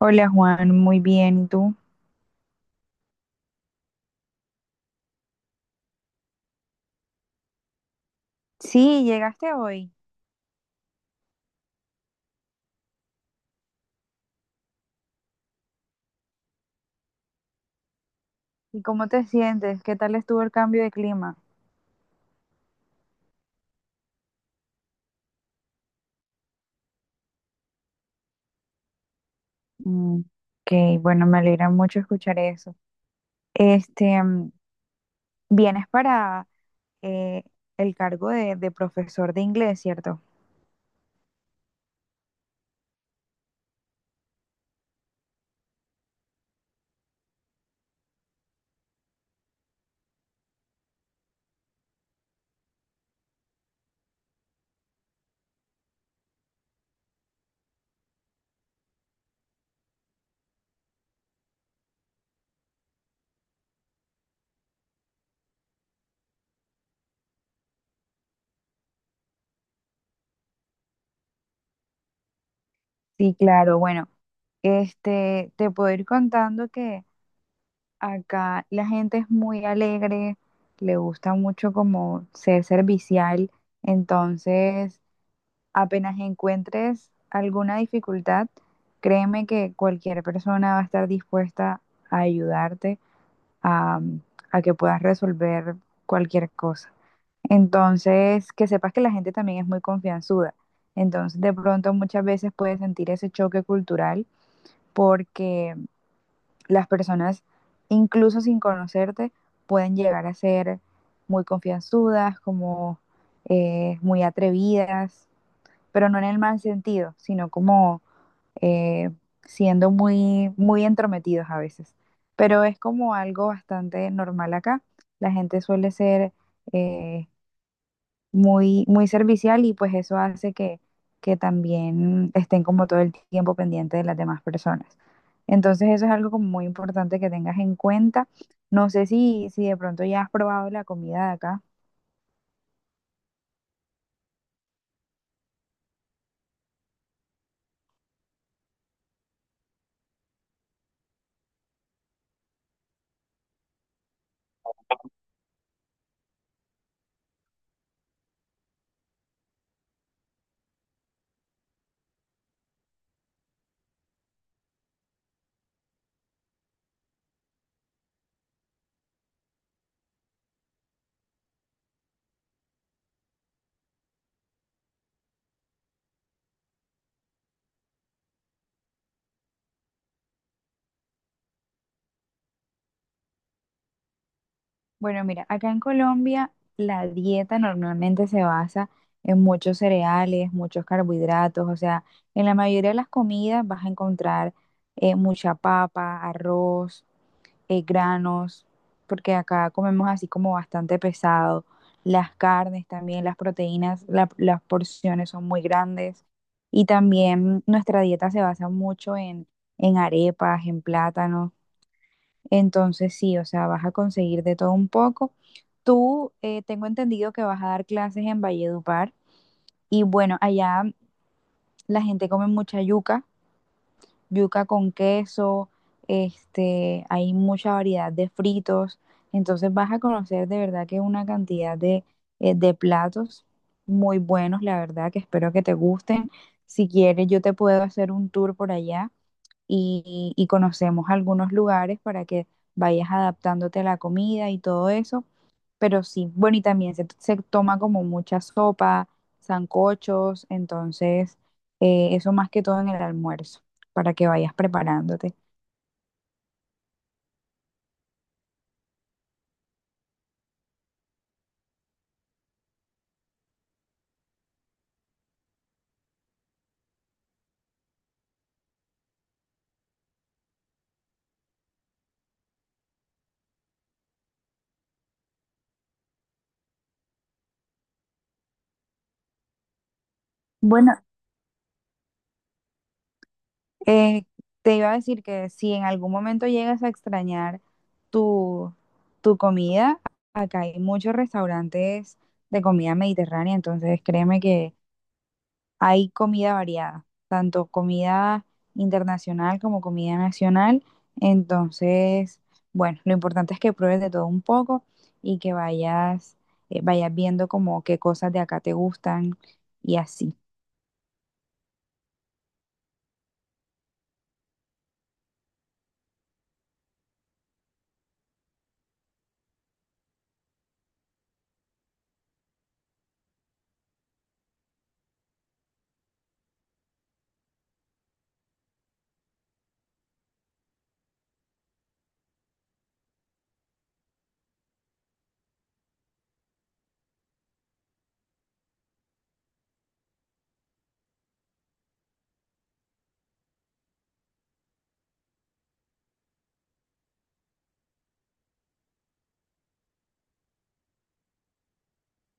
Hola Juan, muy bien. ¿Y tú? Sí, llegaste hoy. ¿Y cómo te sientes? ¿Qué tal estuvo el cambio de clima? Mm, ok, bueno, me alegra mucho escuchar eso. Este, mm, Vienes para eh, el cargo de profesor de inglés, ¿cierto? Sí, claro. Bueno, este, te puedo ir contando que acá la gente es muy alegre, le gusta mucho como ser servicial. Entonces apenas encuentres alguna dificultad, créeme que cualquier persona va a estar dispuesta a ayudarte a, que puedas resolver cualquier cosa. Entonces, que sepas que la gente también es muy confianzuda. Entonces, de pronto muchas veces puedes sentir ese choque cultural porque las personas, incluso sin conocerte, pueden llegar a ser muy confianzudas, como muy atrevidas, pero no en el mal sentido, sino como eh, siendo muy entrometidos a veces. Pero es como algo bastante normal acá. La gente suele ser eh, muy servicial y pues eso hace que también estén como todo el tiempo pendiente de las demás personas. Entonces eso es algo como muy importante que tengas en cuenta. No sé si, si de pronto ya has probado la comida de acá. Bueno, mira, acá en Colombia la dieta normalmente se basa en muchos cereales, muchos carbohidratos, o sea, en la mayoría de las comidas vas a encontrar mucha papa, arroz, granos, porque acá comemos así como bastante pesado, las carnes también, las proteínas, las porciones son muy grandes y también nuestra dieta se basa mucho en arepas, en plátanos. Entonces sí, o sea, vas a conseguir de todo un poco. Tú, tengo entendido que vas a dar clases en Valledupar y bueno, allá la gente come mucha yuca, yuca con queso. Este, hay mucha variedad de fritos, entonces vas a conocer de verdad que una cantidad de platos muy buenos, la verdad, que espero que te gusten. Si quieres, yo te puedo hacer un tour por allá y conocemos algunos lugares para que vayas adaptándote a la comida y todo eso. Pero sí, bueno, y también se toma como mucha sopa, sancochos. Entonces eso más que todo en el almuerzo, para que vayas preparándote. Bueno, eh, te iba a decir que si en algún momento llegas a extrañar tu, tu comida, acá hay muchos restaurantes de comida mediterránea, entonces créeme que hay comida variada, tanto comida internacional como comida nacional. Entonces, bueno, lo importante es que pruebes de todo un poco y que vayas, vayas viendo como qué cosas de acá te gustan y así.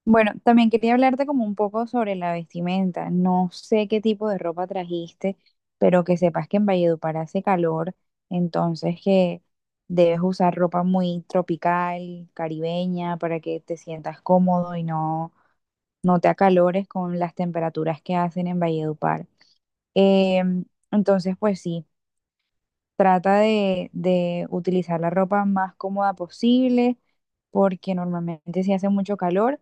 Bueno, también quería hablarte como un poco sobre la vestimenta. No sé qué tipo de ropa trajiste, pero que sepas que en Valledupar hace calor, entonces que debes usar ropa muy tropical, caribeña, para que te sientas cómodo y no, no te acalores con las temperaturas que hacen en Valledupar. Em, entonces, pues sí, trata de utilizar la ropa más cómoda posible porque normalmente sí hace mucho calor.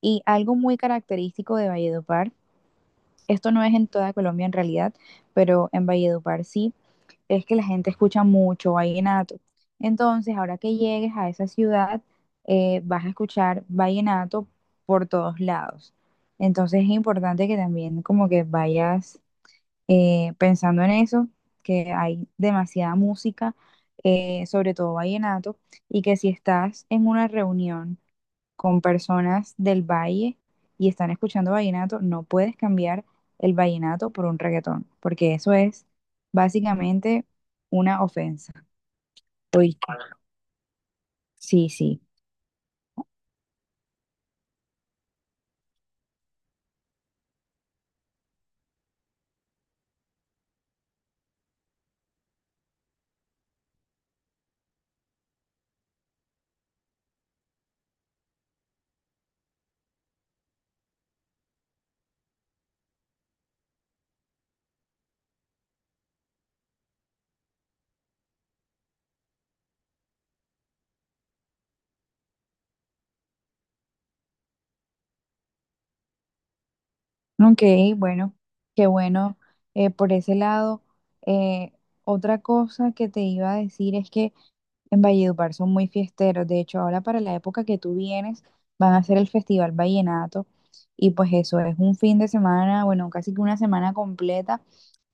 Y algo muy característico de Valledupar, esto no es en toda Colombia en realidad, pero en Valledupar sí, es que la gente escucha mucho vallenato. Entonces, ahora que llegues a esa ciudad, vas a escuchar vallenato por todos lados. Entonces, es importante que también como que vayas pensando en eso, que hay demasiada música, sobre todo vallenato, y que si estás en una reunión con personas del valle y están escuchando vallenato, no puedes cambiar el vallenato por un reggaetón, porque eso es básicamente una ofensa. ¿Oíste? Sí, sí. Ok, bueno, qué bueno. Por ese lado, eh, otra cosa que te iba a decir es que en Valledupar son muy fiesteros. De hecho, ahora para la época que tú vienes, van a hacer el Festival Vallenato. Y pues eso es un fin de semana, bueno, casi que una semana completa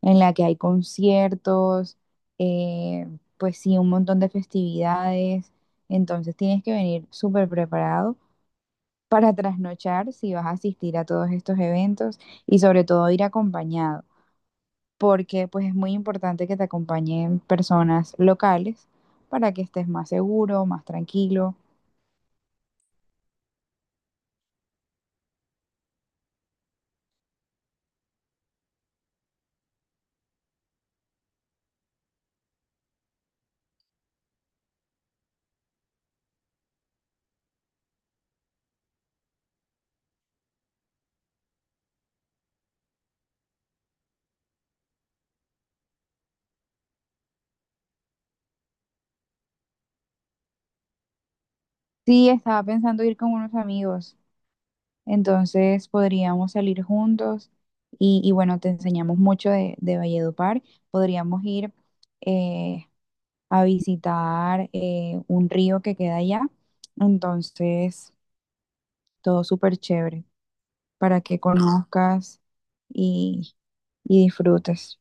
en la que hay conciertos, eh, pues sí, un montón de festividades. Entonces tienes que venir súper preparado para trasnochar si vas a asistir a todos estos eventos y sobre todo ir acompañado, porque pues es muy importante que te acompañen personas locales para que estés más seguro, más tranquilo. Sí, estaba pensando ir con unos amigos. Entonces podríamos salir juntos y bueno, te enseñamos mucho de Valledupar. Podríamos ir eh, a visitar un río que queda allá. Entonces, todo súper chévere para que conozcas y, y disfrutes.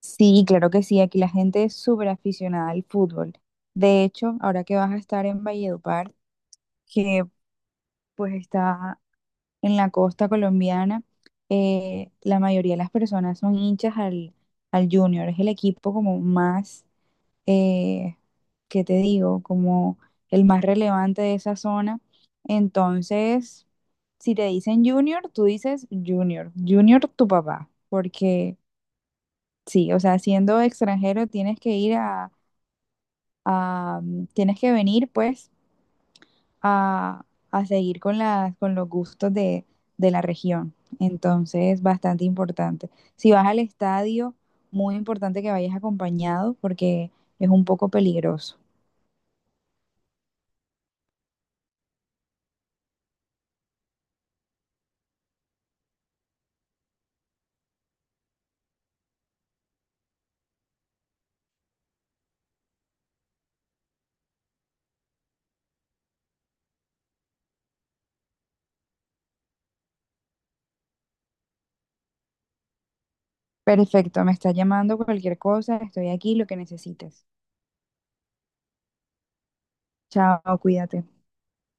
Sí, claro que sí, aquí la gente es súper aficionada al fútbol. De hecho, ahora que vas a estar en Valledupar, que pues está en la costa colombiana, la mayoría de las personas son hinchas al, al Junior. Es el equipo como más, eh, ¿qué te digo? Como el más relevante de esa zona. Entonces, si te dicen Junior, tú dices Junior, Junior tu papá, porque sí, o sea, siendo extranjero tienes que ir a- tienes que venir pues a, a seguir con las, con los gustos de la región. Entonces, bastante importante. Si vas al estadio, muy importante que vayas acompañado porque es un poco peligroso. Perfecto, me está llamando cualquier cosa, estoy aquí, lo que necesites. Chao, cuídate.